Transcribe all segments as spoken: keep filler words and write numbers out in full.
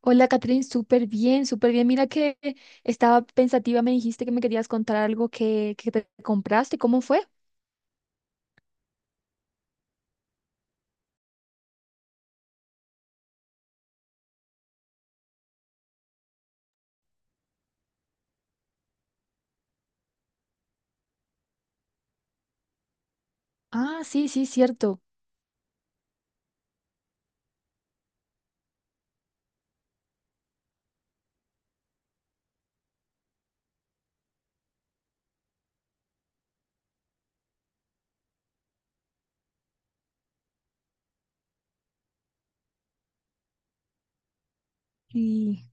Hola, Catherine, súper bien, súper bien. Mira que estaba pensativa, me dijiste que me querías contar algo que, que te compraste. ¿Cómo fue? Ah, sí, sí, cierto. Sí.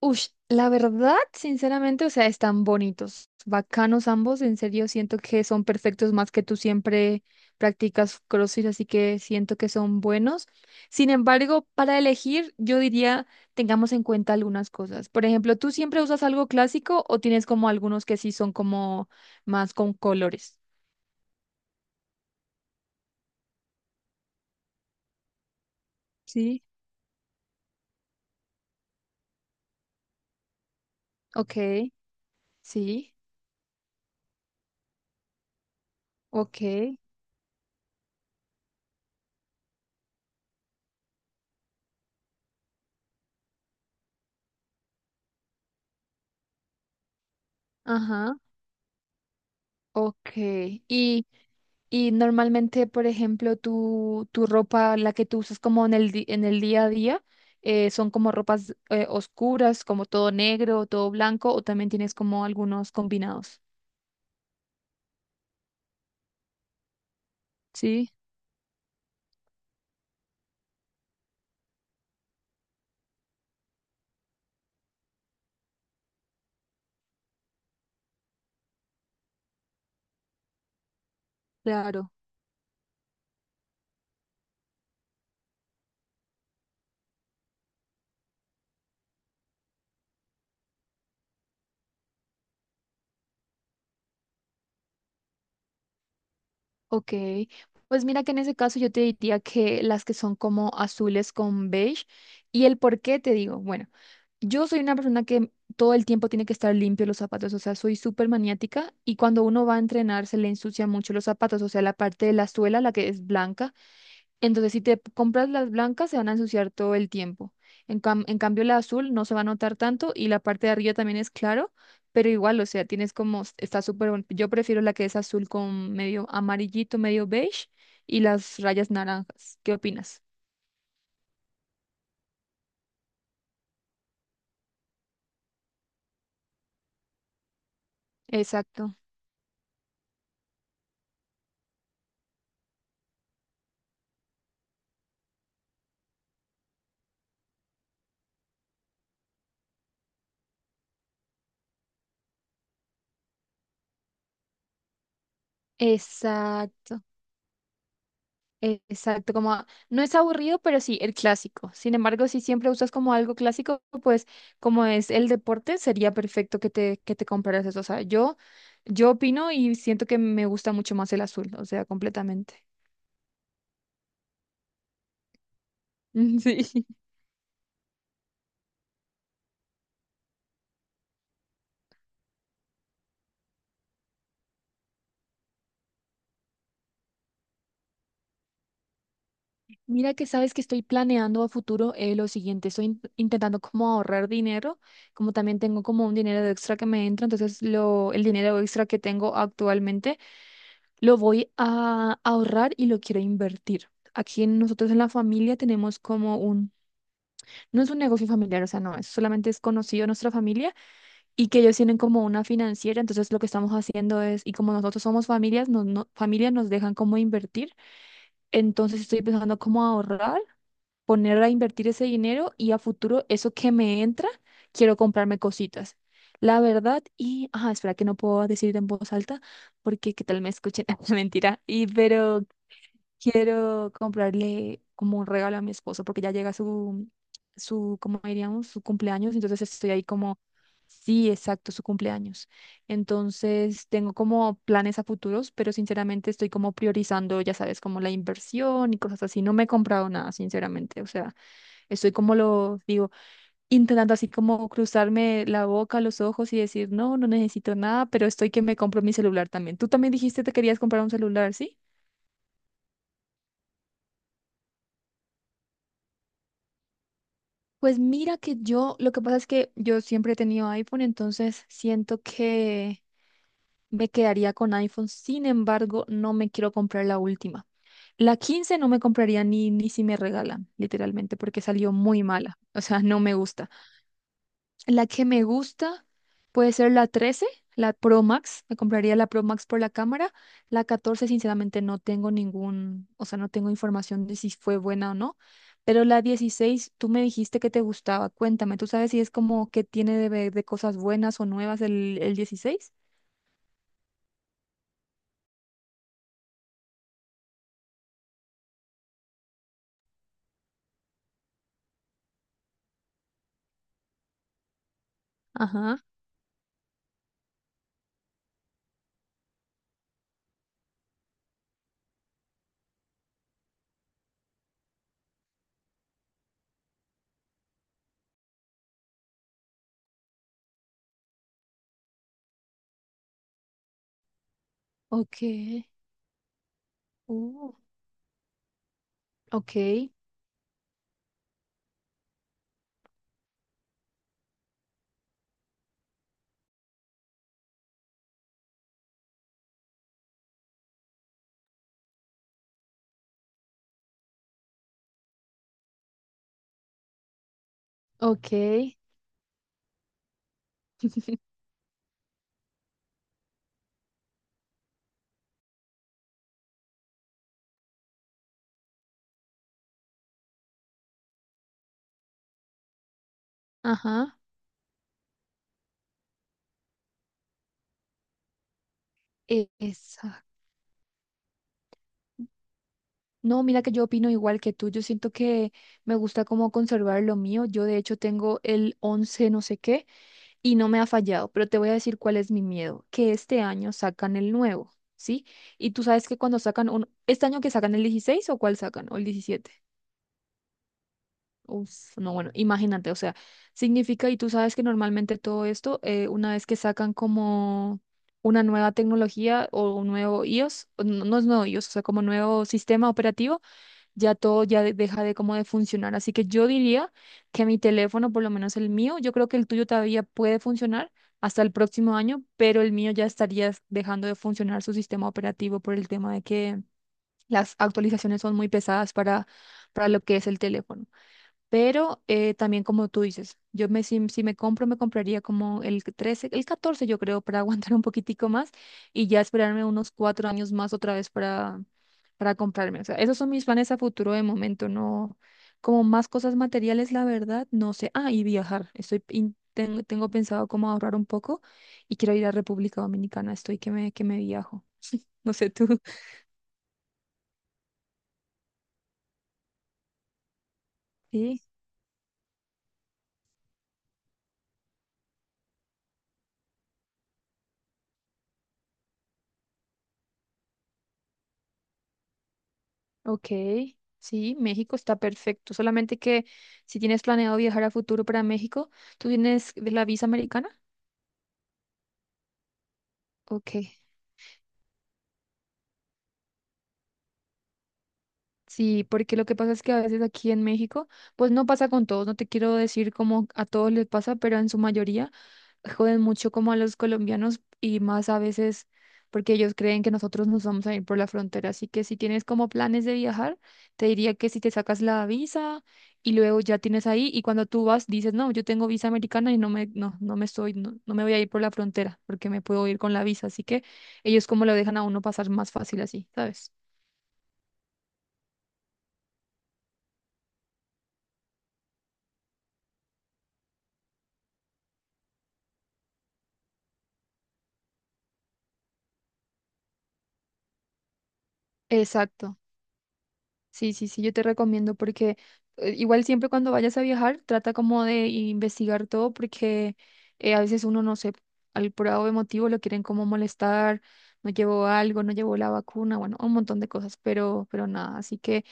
Ush, la verdad, sinceramente, o sea, están bonitos, bacanos ambos, en serio, siento que son perfectos más que tú siempre practicas CrossFit, así que siento que son buenos. Sin embargo, para elegir, yo diría, tengamos en cuenta algunas cosas. Por ejemplo, ¿tú siempre usas algo clásico o tienes como algunos que sí son como más con colores? Sí, ok, sí, ok, ajá. Ok. Y, y normalmente, por ejemplo, tu, tu ropa, la que tú usas como en el, di- en el día a día, eh, son como ropas eh, oscuras, como todo negro, todo blanco, o también tienes como algunos combinados. Sí, claro. Ok, pues mira que en ese caso yo te diría que las que son como azules con beige. ¿Y el por qué te digo? Bueno, yo soy una persona que todo el tiempo tiene que estar limpio los zapatos, o sea, soy súper maniática y cuando uno va a entrenar se le ensucia mucho los zapatos, o sea, la parte de la suela, la que es blanca, entonces, si te compras las blancas, se van a ensuciar todo el tiempo. En, cam- en cambio, la azul no se va a notar tanto y la parte de arriba también es claro, pero igual, o sea, tienes como, s- está súper bon- Yo prefiero la que es azul con medio amarillito, medio beige y las rayas naranjas. ¿Qué opinas? Exacto. Exacto. E- Exacto, como a- no es aburrido, pero sí el clásico. Sin embargo, si siempre usas como algo clásico, pues como es el deporte, sería perfecto que te, que te compraras eso. O sea, yo, yo opino y siento que me gusta mucho más el azul, o sea, completamente. Sí. Mira que sabes que estoy planeando a futuro eh, lo siguiente, estoy in- intentando como ahorrar dinero, como también tengo como un dinero extra que me entra, entonces lo, el dinero extra que tengo actualmente Lo voy a ahorrar y lo quiero invertir. Aquí en- nosotros en la familia tenemos como un, no es un negocio familiar, o sea, no, es solamente es conocido en nuestra familia y que ellos tienen como una financiera, entonces lo que estamos haciendo es, y como nosotros somos familias, nos, no, familia nos dejan como invertir, entonces estoy pensando cómo ahorrar, poner a invertir ese dinero y a futuro eso que me entra, quiero comprarme cositas. La verdad, y, ah, espera que no puedo decir en voz alta porque qué tal me escuchen, mentira, y pero quiero comprarle como un regalo a mi esposo porque ya llega su, su, ¿cómo diríamos? Su cumpleaños. Entonces estoy ahí como, sí, exacto, su cumpleaños. Entonces tengo como planes a futuros, pero sinceramente estoy como priorizando, ya sabes, como la inversión y cosas así. No me he comprado nada, sinceramente. O sea, estoy como lo digo, intentando así como cruzarme la boca, los ojos y decir, no, no necesito nada, pero estoy que me compro mi celular también. Tú también dijiste que te querías comprar un celular, ¿sí? Pues mira que yo, lo que pasa es que yo siempre he tenido iPhone, entonces siento que me quedaría con iPhone. Sin embargo, no me quiero comprar la última. La quince no me compraría ni, ni si me regalan, literalmente, porque salió muy mala. O sea, no me gusta. La que me gusta puede ser la trece, la Pro Max. Me compraría la Pro Max por la cámara. La catorce sinceramente, no tengo ningún, o sea, no tengo información de si fue buena o no. Pero la dieciséis tú me dijiste que te gustaba. Cuéntame, ¿tú sabes si es como que tiene de, ve- de cosas buenas o nuevas el, el dieciséis? Ajá, ok. Uh, ok, ok. Ajá, e- esa. No, mira que yo opino igual que tú. Yo siento que me gusta como conservar lo mío. Yo de hecho tengo el once, no sé qué y no me ha fallado, pero te voy a decir cuál es mi miedo, que este año sacan el nuevo, ¿sí? Y tú sabes que cuando sacan un... ¿Este año que sacan el dieciséis o cuál sacan? ¿O el diecisiete? Uf, no, bueno, imagínate, o sea, significa, y tú sabes que normalmente todo esto, eh, una vez que sacan como una nueva tecnología o un nuevo iOS, o no, no es nuevo iOS, o sea, como nuevo sistema operativo ya todo ya de- deja de como de funcionar. Así que yo diría que mi teléfono, por lo menos el mío, yo creo que el tuyo todavía puede funcionar hasta el próximo año, pero el mío ya estaría dejando de funcionar su sistema operativo por el tema de que las actualizaciones son muy pesadas para, para lo que es el teléfono. Pero eh, también como tú dices, yo me, si, si me compro, me compraría como el trece, el catorce yo creo, para aguantar un poquitico más y ya esperarme unos cuatro años más otra vez para, para comprarme. O sea, esos son mis planes a futuro de momento, no como más cosas materiales, la verdad, no sé. Ah, y viajar. Estoy, in- ten- tengo pensado cómo ahorrar un poco y quiero ir a República Dominicana, estoy que me, que me viajo. No sé tú. Ok, sí, México está perfecto. Solamente que si tienes planeado viajar a futuro para México, ¿tú tienes de la visa americana? Ok, sí, porque lo que pasa es que a veces aquí en México, pues no pasa con todos, no te quiero decir como a todos les pasa, pero en su mayoría joden mucho como a los colombianos y más a veces porque ellos creen que nosotros nos vamos a ir por la frontera. Así que si tienes como planes de viajar, te diría que si te sacas la visa y luego ya tienes ahí y cuando tú vas dices, no, yo tengo visa americana y no me, no, no me estoy, no, no me voy a ir por la frontera porque me puedo ir con la visa. Así que ellos como lo dejan a uno pasar más fácil así, ¿sabes? Exacto. Sí, sí, sí, yo te recomiendo porque eh, igual siempre cuando vayas a viajar trata como de investigar todo porque eh, a veces uno no sé, al por de motivo lo quieren como molestar, no llevó algo, no llevó la vacuna, bueno, un montón de cosas, pero, pero nada, así que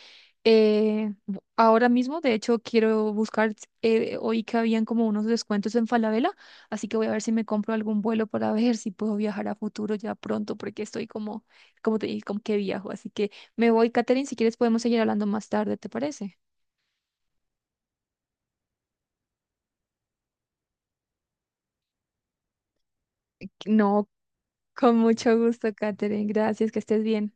eh, bu- ahora mismo de hecho quiero buscar, eh, oí que habían como unos descuentos en Falabella, así que voy a ver si me compro algún vuelo para ver si puedo viajar a futuro ya pronto porque estoy como, como te dije, como que viajo, así que... Me voy, Katherine, si quieres podemos seguir hablando más tarde, ¿te parece? No, con mucho gusto, Katherine. Gracias, que estés bien.